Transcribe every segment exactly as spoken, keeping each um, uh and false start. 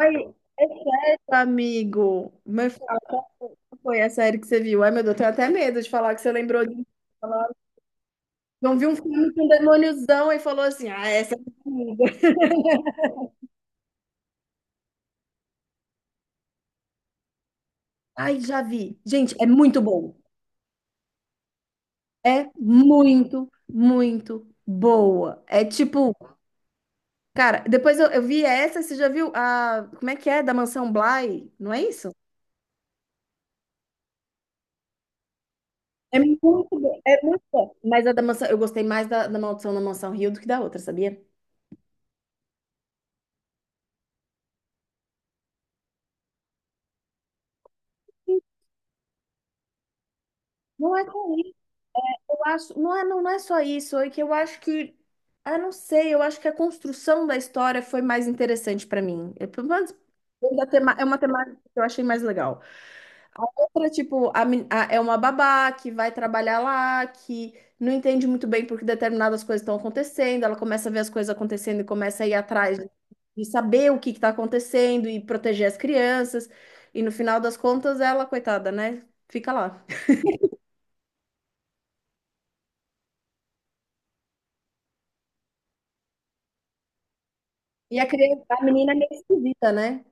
Oi, esse amigo, mas qual foi a série que você viu? Ai, meu Deus, eu tenho até medo de falar que você lembrou de falar. Não viu um filme com um demôniozão e falou assim: ai, já vi. Gente, é muito bom. É muito, muito boa. É tipo, cara, depois eu, eu vi essa, você já viu a, como é que é? Da Mansão Bly, não é isso? É muito bom, é muito bom. Mas a da mansão, eu gostei mais da, da Maldição da Mansão Rio do que da outra, sabia? Não é ruim. Eu acho, não é, não, não é só isso, é que eu acho que, ah, não sei, eu acho que a construção da história foi mais interessante pra mim. Eu, pelo menos, da tema- é uma temática que eu achei mais legal. A outra, tipo, a, men- a- é uma babá que vai trabalhar lá, que não entende muito bem porque determinadas coisas estão acontecendo, ela começa a ver as coisas acontecendo e começa a ir atrás de de saber o que está acontecendo e proteger as crianças. E no final das contas, ela, coitada, né? Fica lá. E a criança, a menina é meio esquisita, né?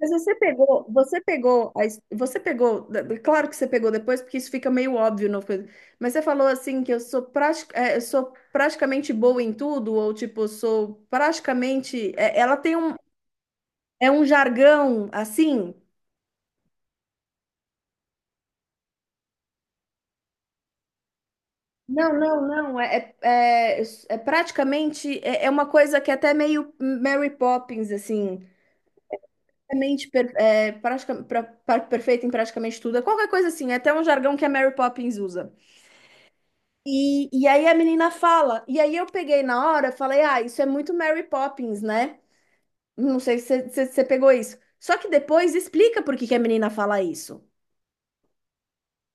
Mas você pegou, você pegou, a his- você pegou, claro que você pegou depois, porque isso fica meio óbvio, não foi? Mas você falou assim que eu sou, prati, é, eu sou praticamente boa em tudo, ou tipo, sou praticamente. É, ela tem um, é um jargão assim. Não, não, não. É, é, é, é praticamente é, é uma coisa que é até meio Mary Poppins, assim. Praticamente per, é, pratica, pra- pra- Perfeita em praticamente tudo. É qualquer coisa assim, é até um jargão que a Mary Poppins usa. E, e aí a menina fala, e aí eu peguei na hora, falei, ah, isso é muito Mary Poppins, né? Não sei se você se você pegou isso. Só que depois explica por que que a menina fala isso.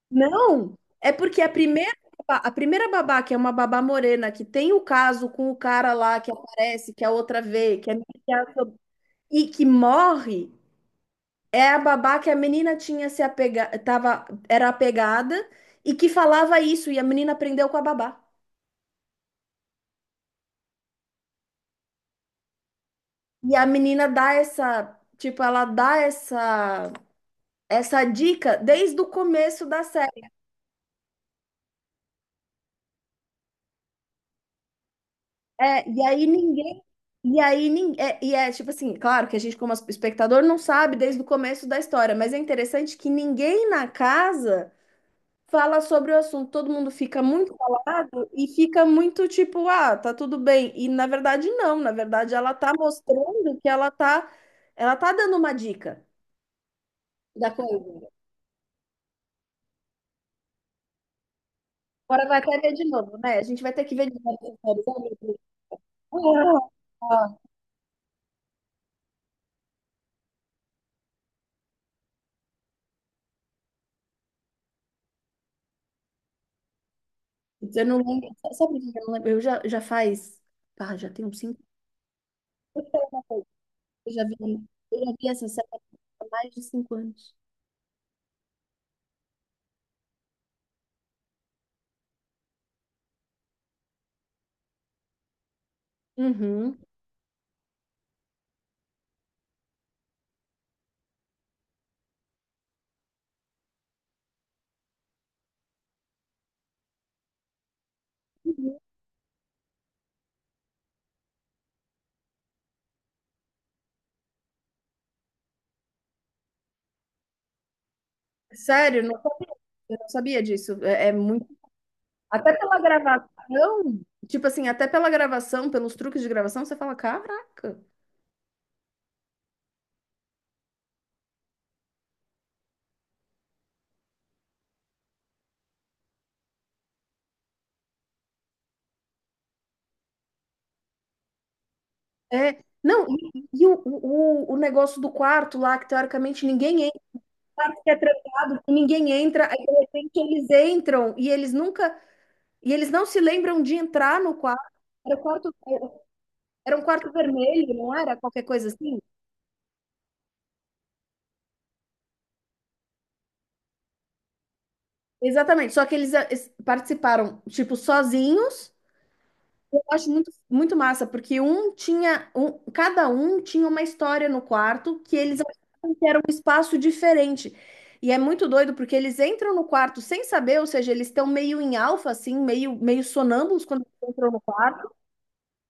Não, é porque a primeira, babá- a primeira babá, que é uma babá morena, que tem o caso com o cara lá que aparece, que a outra vê, que é e que morre, é a babá que a menina tinha se apega, tava, era apegada e que falava isso, e a menina aprendeu com a babá. E a menina dá essa, tipo, ela dá essa essa dica desde o começo da série. É, e aí ninguém, e aí ninguém, é, e é tipo assim, claro que a gente como espectador não sabe desde o começo da história, mas é interessante que ninguém na casa fala sobre o assunto, todo mundo fica muito calado e fica muito tipo, ah, tá tudo bem. E na verdade não, na verdade ela tá mostrando que ela tá ela tá dando uma dica da coisa. Agora vai até ver de novo, né? A gente vai ter que ver de novo, sabe? Ah, ah. Eu não lembro. Sabe por que eu não lembro? Eu já, já faz. Pá, já tem uns cinco. Eu sei uma coisa, eu já vi, eu já vi essa série há mais de cinco anos. Uhum. Uhum. Sério, não sabia. Eu não sabia disso. É, é muito. Até pela gravação, tipo assim, até pela gravação, pelos truques de gravação, você fala, caraca. É. Não, e, e o, o, o negócio do quarto lá, que teoricamente ninguém, quarto que é trancado, que ninguém entra, aí de repente eles entram e eles nunca, e eles não se lembram de entrar no quarto. Era, o quarto, era um quarto vermelho, não era? Qualquer coisa assim. Exatamente, só que eles eh, es- participaram, tipo, sozinhos. Eu acho muito, muito massa, porque um tinha, um, cada um tinha uma história no quarto que eles achavam que era um espaço diferente. E é muito doido, porque eles entram no quarto sem saber, ou seja, eles estão meio em alfa, assim, meio, meio sonâmbulos quando eles entram no quarto,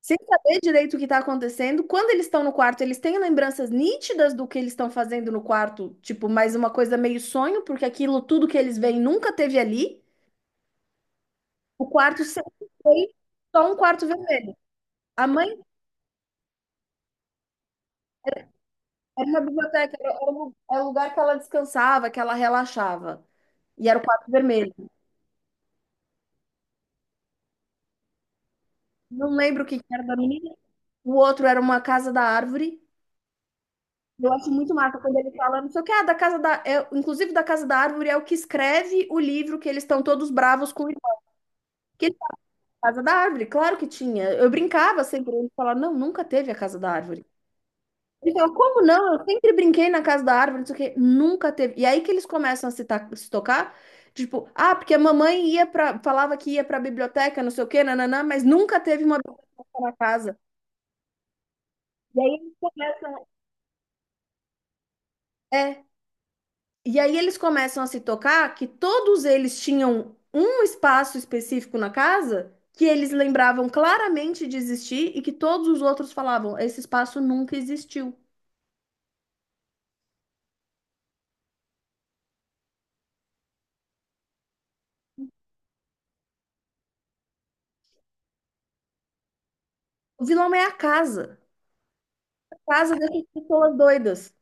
sem saber direito o que está acontecendo. Quando eles estão no quarto, eles têm lembranças nítidas do que eles estão fazendo no quarto, tipo, mais uma coisa meio sonho, porque aquilo tudo que eles veem nunca teve ali. O quarto sempre foi só um quarto vermelho. A mãe era uma biblioteca, era era o era o lugar que ela descansava, que ela relaxava. E era o quarto vermelho. Não lembro o que que era da menina. O outro era uma casa da árvore. Eu acho muito massa quando ele fala, não sei o que, ah, da casa da, é, inclusive da Casa da Árvore é o que escreve o livro que eles estão todos bravos com o irmão. Que ele fala, Casa da Árvore, claro que tinha. Eu brincava sempre, ele falava, não, nunca teve a Casa da Árvore. Ele fala, como não? Eu sempre brinquei na Casa da Árvore, não sei o que, nunca teve. E aí que eles começam a se, ta- se tocar, tipo, ah, porque a mamãe ia para, falava que ia para a biblioteca, não sei o que, nananã, mas nunca teve uma biblioteca na casa. E aí eles começam, é, E aí eles começam a se tocar que todos eles tinham um espaço específico na casa que eles lembravam claramente de existir e que todos os outros falavam, esse espaço nunca existiu. O vilão é a casa, a casa dessas pessoas doidas.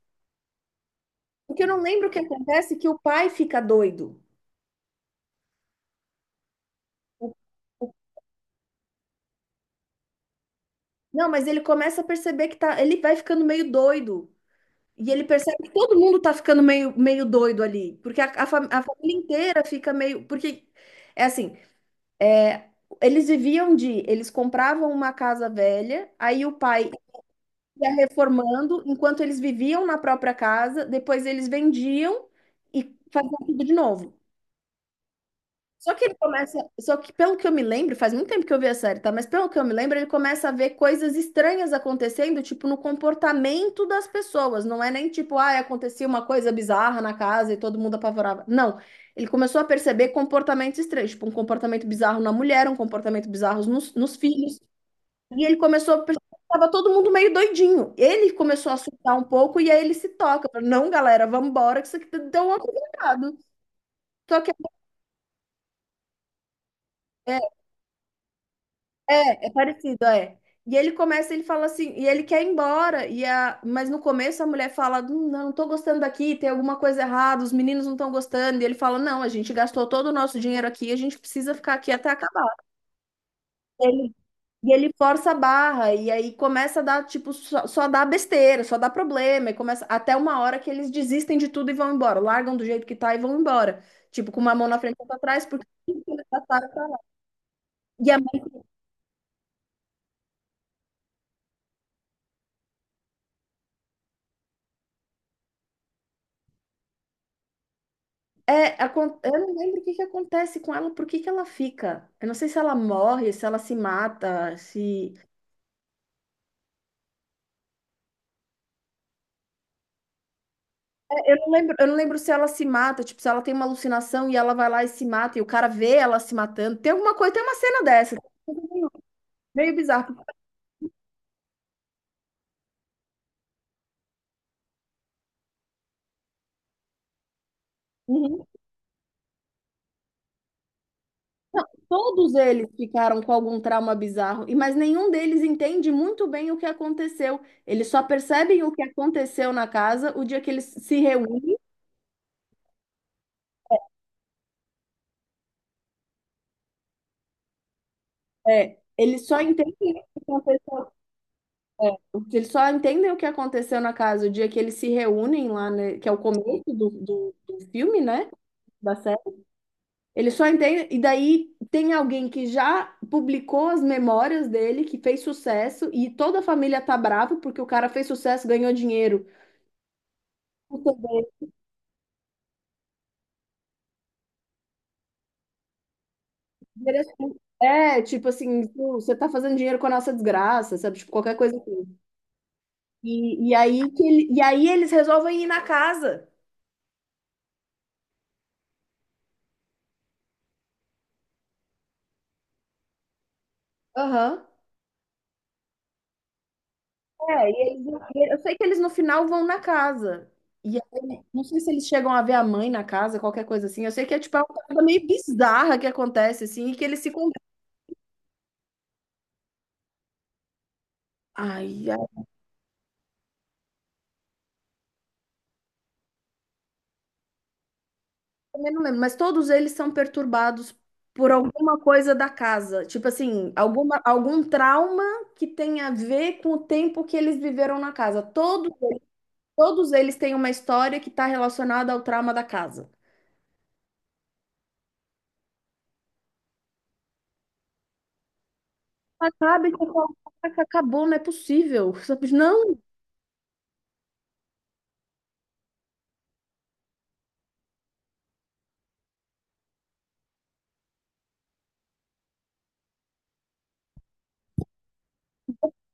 Porque eu não lembro o que acontece é que o pai fica doido. O- Não, mas ele começa a perceber que tá, ele vai ficando meio doido. E ele percebe que todo mundo tá ficando meio, meio doido ali. Porque a, a fam- a família inteira fica meio. Porque é assim. Eles viviam de, eles compravam uma casa velha, aí o pai ia reformando, enquanto eles viviam na própria casa, depois eles vendiam e faziam tudo de novo. Só que ele começa, só que pelo que eu me lembro, faz muito tempo que eu vi a série, tá? Mas pelo que eu me lembro, ele começa a ver coisas estranhas acontecendo, tipo no comportamento das pessoas. Não é nem tipo, ah, acontecia uma coisa bizarra na casa e todo mundo apavorava. Não. Ele começou a perceber comportamentos estranhos, tipo um comportamento bizarro na mulher, um comportamento bizarro nos, nos filhos. E ele começou a perceber que estava todo mundo meio doidinho. Ele começou a assustar um pouco e aí ele se toca. Falou, não, galera, vamos embora, que isso aqui deu um errado. Só que é, é, é é parecido, é. E ele começa, ele fala assim, e ele quer ir embora, e a, mas no começo a mulher fala, "Hum, não, não tô gostando daqui, tem alguma coisa errada, os meninos não estão gostando". E ele fala, não, a gente gastou todo o nosso dinheiro aqui, a gente precisa ficar aqui até acabar. Ele E ele força a barra, e aí começa a dar, tipo, só, só dá besteira, só dá problema, e começa até uma hora que eles desistem de tudo e vão embora, largam do jeito que tá e vão embora. Tipo, com uma mão na frente e outra atrás, porque. E a mãe- é, acon- eu não lembro o que que acontece com ela, por que que ela fica? Eu não sei se ela morre, se ela se mata, se. É, eu não lembro, eu não lembro se ela se mata, tipo, se ela tem uma alucinação e ela vai lá e se mata, e o cara vê ela se matando. Tem alguma coisa, tem uma cena dessa, meio bizarro. Uhum. Não, todos eles ficaram com algum trauma bizarro, e mas nenhum deles entende muito bem o que aconteceu. Eles só percebem o que aconteceu na casa o dia que eles se reúnem. É, eles só entendem o que aconteceu, eles só entendem o que aconteceu na casa o dia que eles se reúnem lá, né, que é o começo do, do, do filme, né? Da série. Eles só entendem, e daí tem alguém que já publicou as memórias dele, que fez sucesso, e toda a família tá brava porque o cara fez sucesso, ganhou dinheiro. Interessante. É, tipo assim, pô, você tá fazendo dinheiro com a nossa desgraça, sabe? Tipo, qualquer coisa assim. E, e aí que ele, e aí eles resolvem ir na casa. Aham. É, e eles, eu sei que eles no final vão na casa. E aí, não sei se eles chegam a ver a mãe na casa, qualquer coisa assim. Eu sei que é tipo é uma coisa meio bizarra que acontece, assim, e que eles se conversam. Ai, também não lembro, mas todos eles são perturbados por alguma coisa da casa. Tipo assim, alguma, algum trauma que tem a ver com o tempo que eles viveram na casa. Todos, todos eles têm uma história que está relacionada ao trauma da casa. Acabe com caraca, acabou, não é possível. Sabe? Não,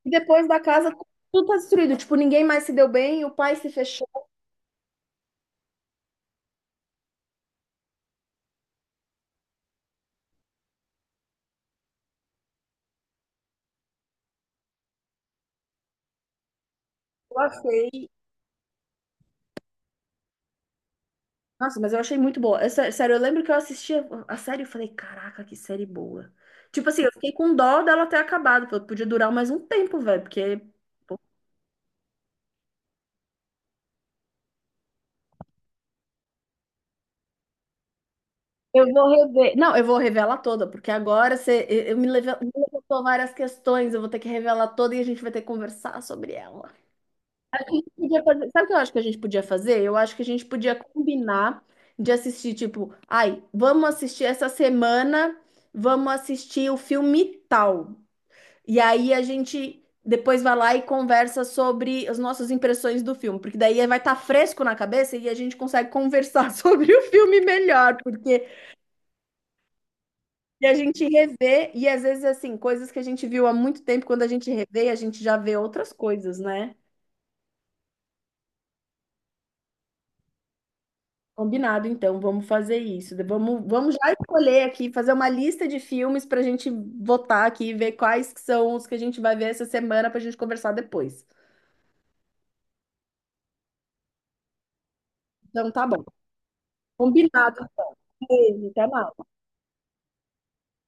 e depois da casa tudo tá destruído. Tipo, ninguém mais se deu bem, o pai se fechou, eu achei. Nossa, mas eu achei muito boa. Eu sé- sério, eu lembro que eu assistia a série e falei, caraca, que série boa. Tipo assim, eu fiquei com dó dela ter acabado, porque podia durar mais um tempo, velho, porque eu vou rever. Não, eu vou revelar toda, porque agora você eu eu me leve- me levantou várias questões, eu vou ter que revelar toda e a gente vai ter que conversar sobre ela. Podia fazer- Sabe o que eu acho que a gente podia fazer? Eu acho que a gente podia combinar de assistir, tipo, ai, vamos assistir essa semana, vamos assistir o filme tal. E aí a gente depois vai lá e conversa sobre as nossas impressões do filme, porque daí vai estar fresco na cabeça e a gente consegue conversar sobre o filme melhor, porque e a gente revê, e às vezes assim, coisas que a gente viu há muito tempo, quando a gente revê, a gente já vê outras coisas, né? Combinado, então, vamos fazer isso. Vamos, vamos já escolher aqui, fazer uma lista de filmes para a gente votar aqui e ver quais que são os que a gente vai ver essa semana para a gente conversar depois. Então, tá bom. Combinado. Beijo, até mais.